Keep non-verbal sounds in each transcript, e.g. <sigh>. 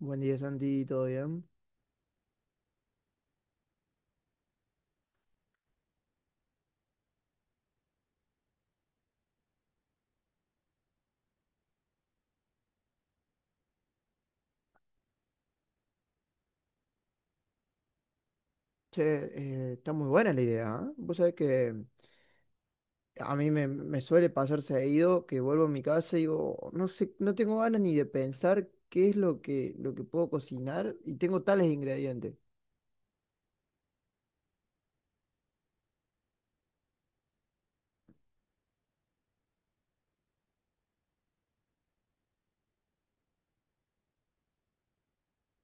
Buen día, Santi, ¿todo bien? Che, está muy buena la idea, ¿eh? Vos sabés que a mí me suele pasar seguido que vuelvo a mi casa y digo, no sé, no tengo ganas ni de pensar qué es lo que puedo cocinar y tengo tales ingredientes.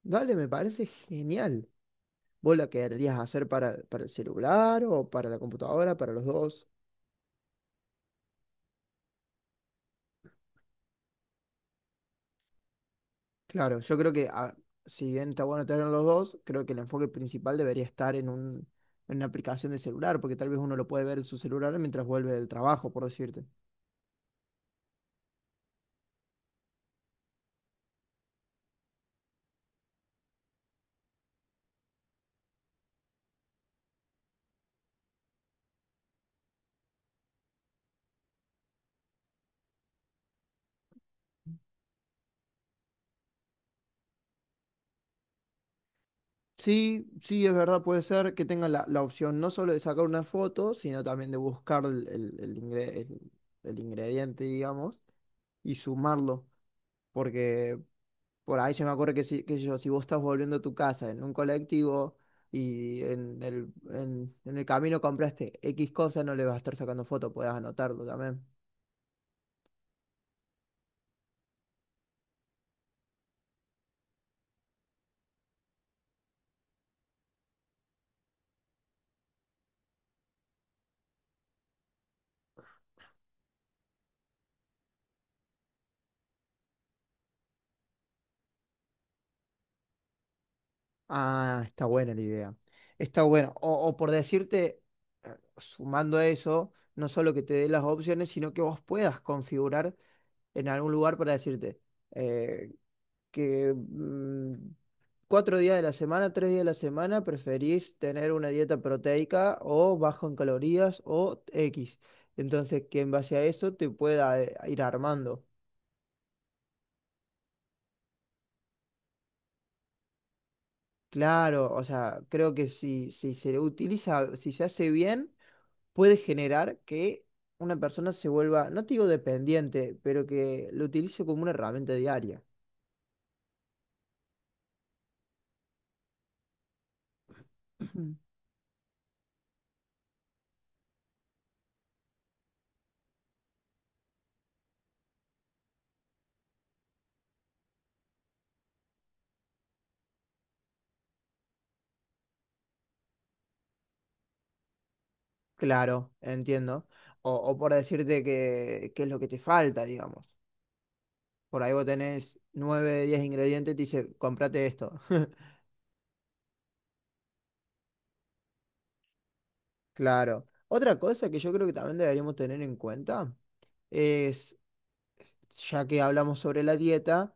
Dale, me parece genial. ¿Vos la querrías hacer para el celular o para la computadora, para los dos? Claro, yo creo que si bien está bueno tener los dos, creo que el enfoque principal debería estar en una aplicación de celular, porque tal vez uno lo puede ver en su celular mientras vuelve del trabajo, por decirte. Sí, sí, es verdad, puede ser que tengan la opción no solo de sacar una foto, sino también de buscar el ingrediente, digamos, y sumarlo, porque por ahí se me ocurre que yo, si vos estás volviendo a tu casa en un colectivo y en el camino compraste X cosa, no le vas a estar sacando foto, podés anotarlo también. Ah, está buena la idea. Está bueno. O por decirte, sumando a eso, no solo que te dé las opciones, sino que vos puedas configurar en algún lugar para decirte eh, que mm, 4 días de la semana, 3 días de la semana, preferís tener una dieta proteica o bajo en calorías o X. Entonces, que en base a eso te pueda ir armando. Claro, o sea, creo que si, si se utiliza, si se hace bien, puede generar que una persona se vuelva, no te digo dependiente, pero que lo utilice como una herramienta diaria. <clears throat> Claro, entiendo. O por decirte que es lo que te falta, digamos. Por ahí vos tenés 9 10 ingredientes y te dice, cómprate esto. <laughs> Claro. Otra cosa que yo creo que también deberíamos tener en cuenta es, ya que hablamos sobre la dieta,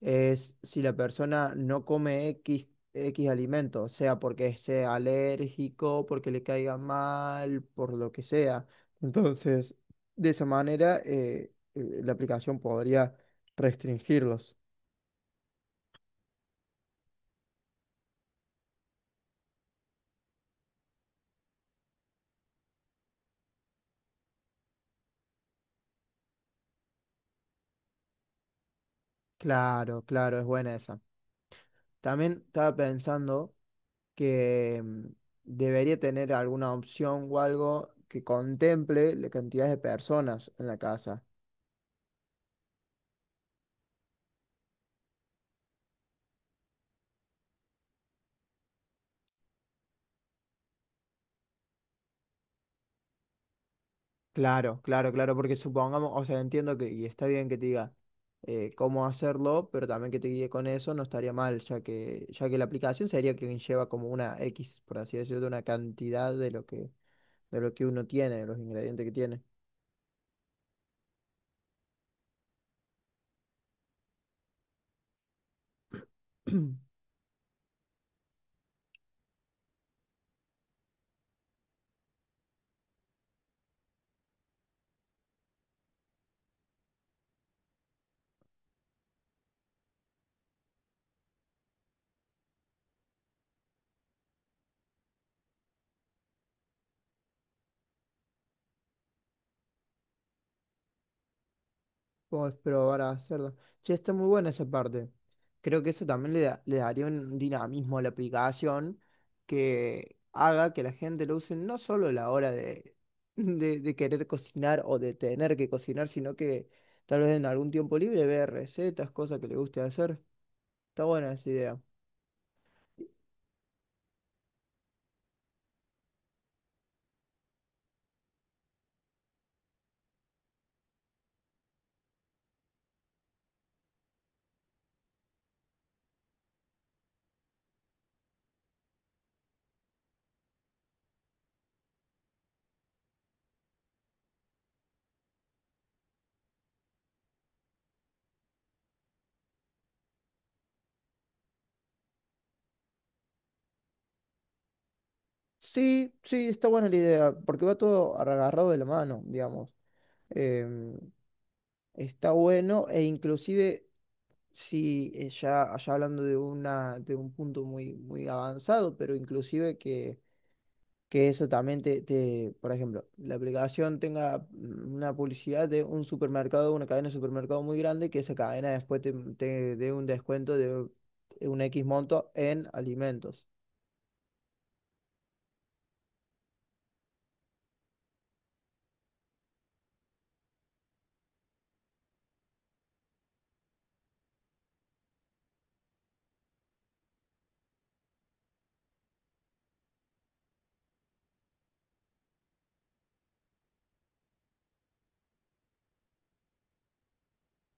es si la persona no come X alimento, sea porque sea alérgico, porque le caiga mal, por lo que sea. Entonces, de esa manera, la aplicación podría restringirlos. Claro, claro, es buena esa. También estaba pensando que debería tener alguna opción o algo que contemple la cantidad de personas en la casa. Claro, claro, claro, porque supongamos, o sea, entiendo que, y está bien que te diga cómo hacerlo, pero también que te guíe con eso no estaría mal, ya que la aplicación sería quien lleva como una X, por así decirlo, una cantidad de lo que, uno tiene, de los ingredientes que tiene. <clears throat> Vamos probar a hacerlo. Che, está muy buena esa parte. Creo que eso también le daría un dinamismo a la aplicación que haga que la gente lo use no solo a la hora de, <laughs> de querer cocinar o de tener que cocinar, sino que tal vez en algún tiempo libre vea recetas, cosas que le guste hacer. Está buena esa idea. Sí, sí, está buena la idea, porque va todo agarrado de la mano, digamos. Em, Está bueno e inclusive, sí, ya hablando de un punto muy, muy avanzado, pero inclusive que eso también te, por ejemplo, la aplicación tenga una publicidad de un supermercado, una cadena de supermercado muy grande, que esa cadena después te dé un descuento de un X monto en alimentos.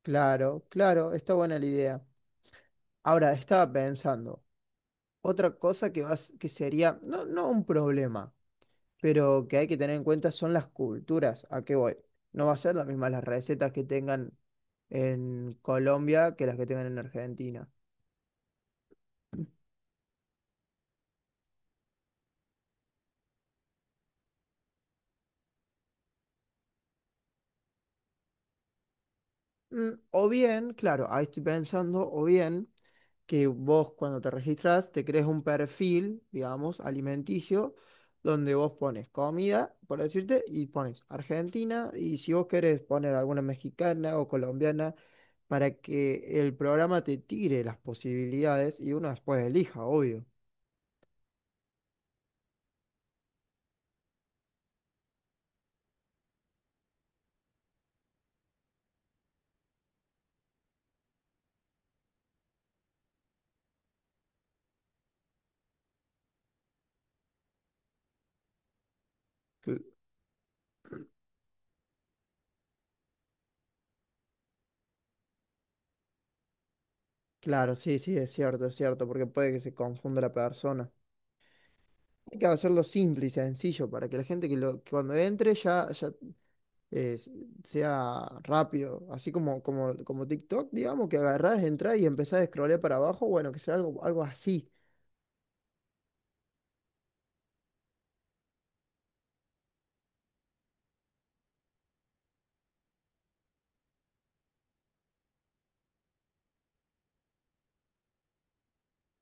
Claro, claro, está buena la idea. Ahora, estaba pensando, otra cosa que sería, no, no un problema, pero que hay que tener en cuenta son las culturas. ¿A qué voy? No va a ser las mismas las recetas que tengan en Colombia que las que tengan en Argentina. O bien, claro, ahí estoy pensando, o bien. Que vos cuando te registras te crees un perfil, digamos, alimenticio, donde vos pones comida, por decirte, y pones Argentina, y si vos querés poner alguna mexicana o colombiana, para que el programa te tire las posibilidades y uno después elija, obvio. Cl- Claro, sí, sí, es cierto, porque puede que se confunda la persona. Hay que hacerlo simple y sencillo para que la gente que cuando entre ya, eh, sea rápido, así como TikTok, digamos, que agarrás, entrás y empezás a scrollear para abajo, bueno, que sea algo así.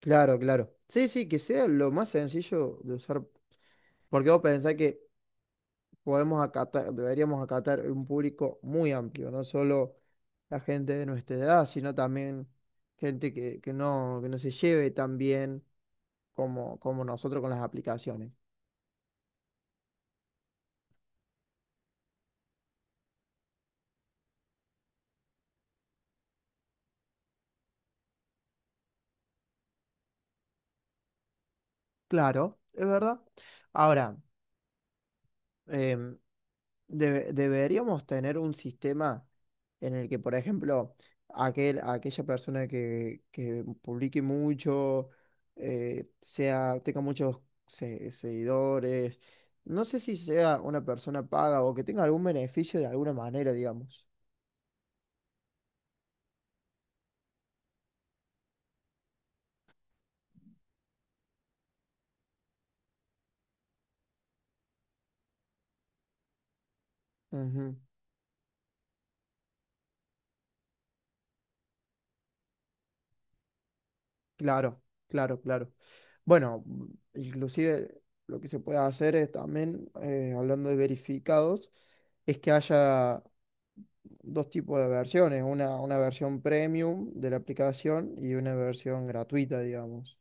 Claro, claro. Sí, sí, que sea lo más sencillo de usar, porque vos pensás que podemos acatar, deberíamos acatar un público muy amplio, no solo la gente de nuestra edad, sino también gente que no se lleve tan bien como nosotros con las aplicaciones. Claro, es verdad. Ahora, em, deberíamos tener un sistema en el que, por ejemplo, aquella persona que publique mucho, tenga muchos seguidores, no sé si sea una persona paga o que tenga algún beneficio de alguna manera, digamos. Ujú. Claro, claro, claro. Bueno, inclusive lo que se puede hacer es también, hablando de verificados, es que haya dos tipos de versiones, una versión premium de la aplicación y una versión gratuita, digamos.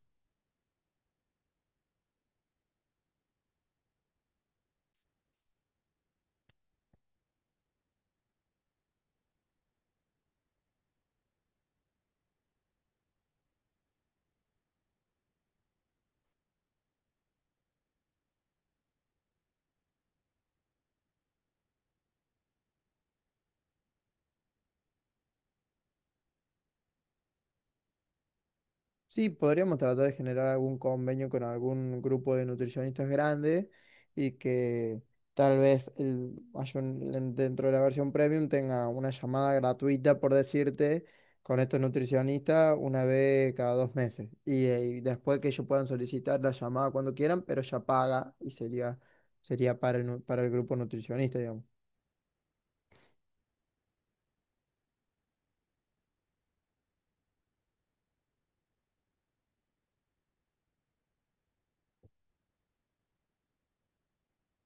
Sí, podríamos tratar de generar algún convenio con algún grupo de nutricionistas grande y que tal vez dentro de la versión premium tenga una llamada gratuita, por decirte, con estos nutricionistas una vez cada 2 meses. Y después que ellos puedan solicitar la llamada cuando quieran, pero ya paga y sería para para el grupo nutricionista, digamos.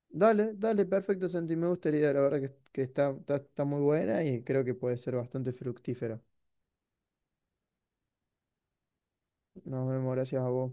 Dale, dale, perfecto, Santi. Me gustaría, la verdad que está muy buena y creo que puede ser bastante fructífera. Nos vemos, gracias a vos.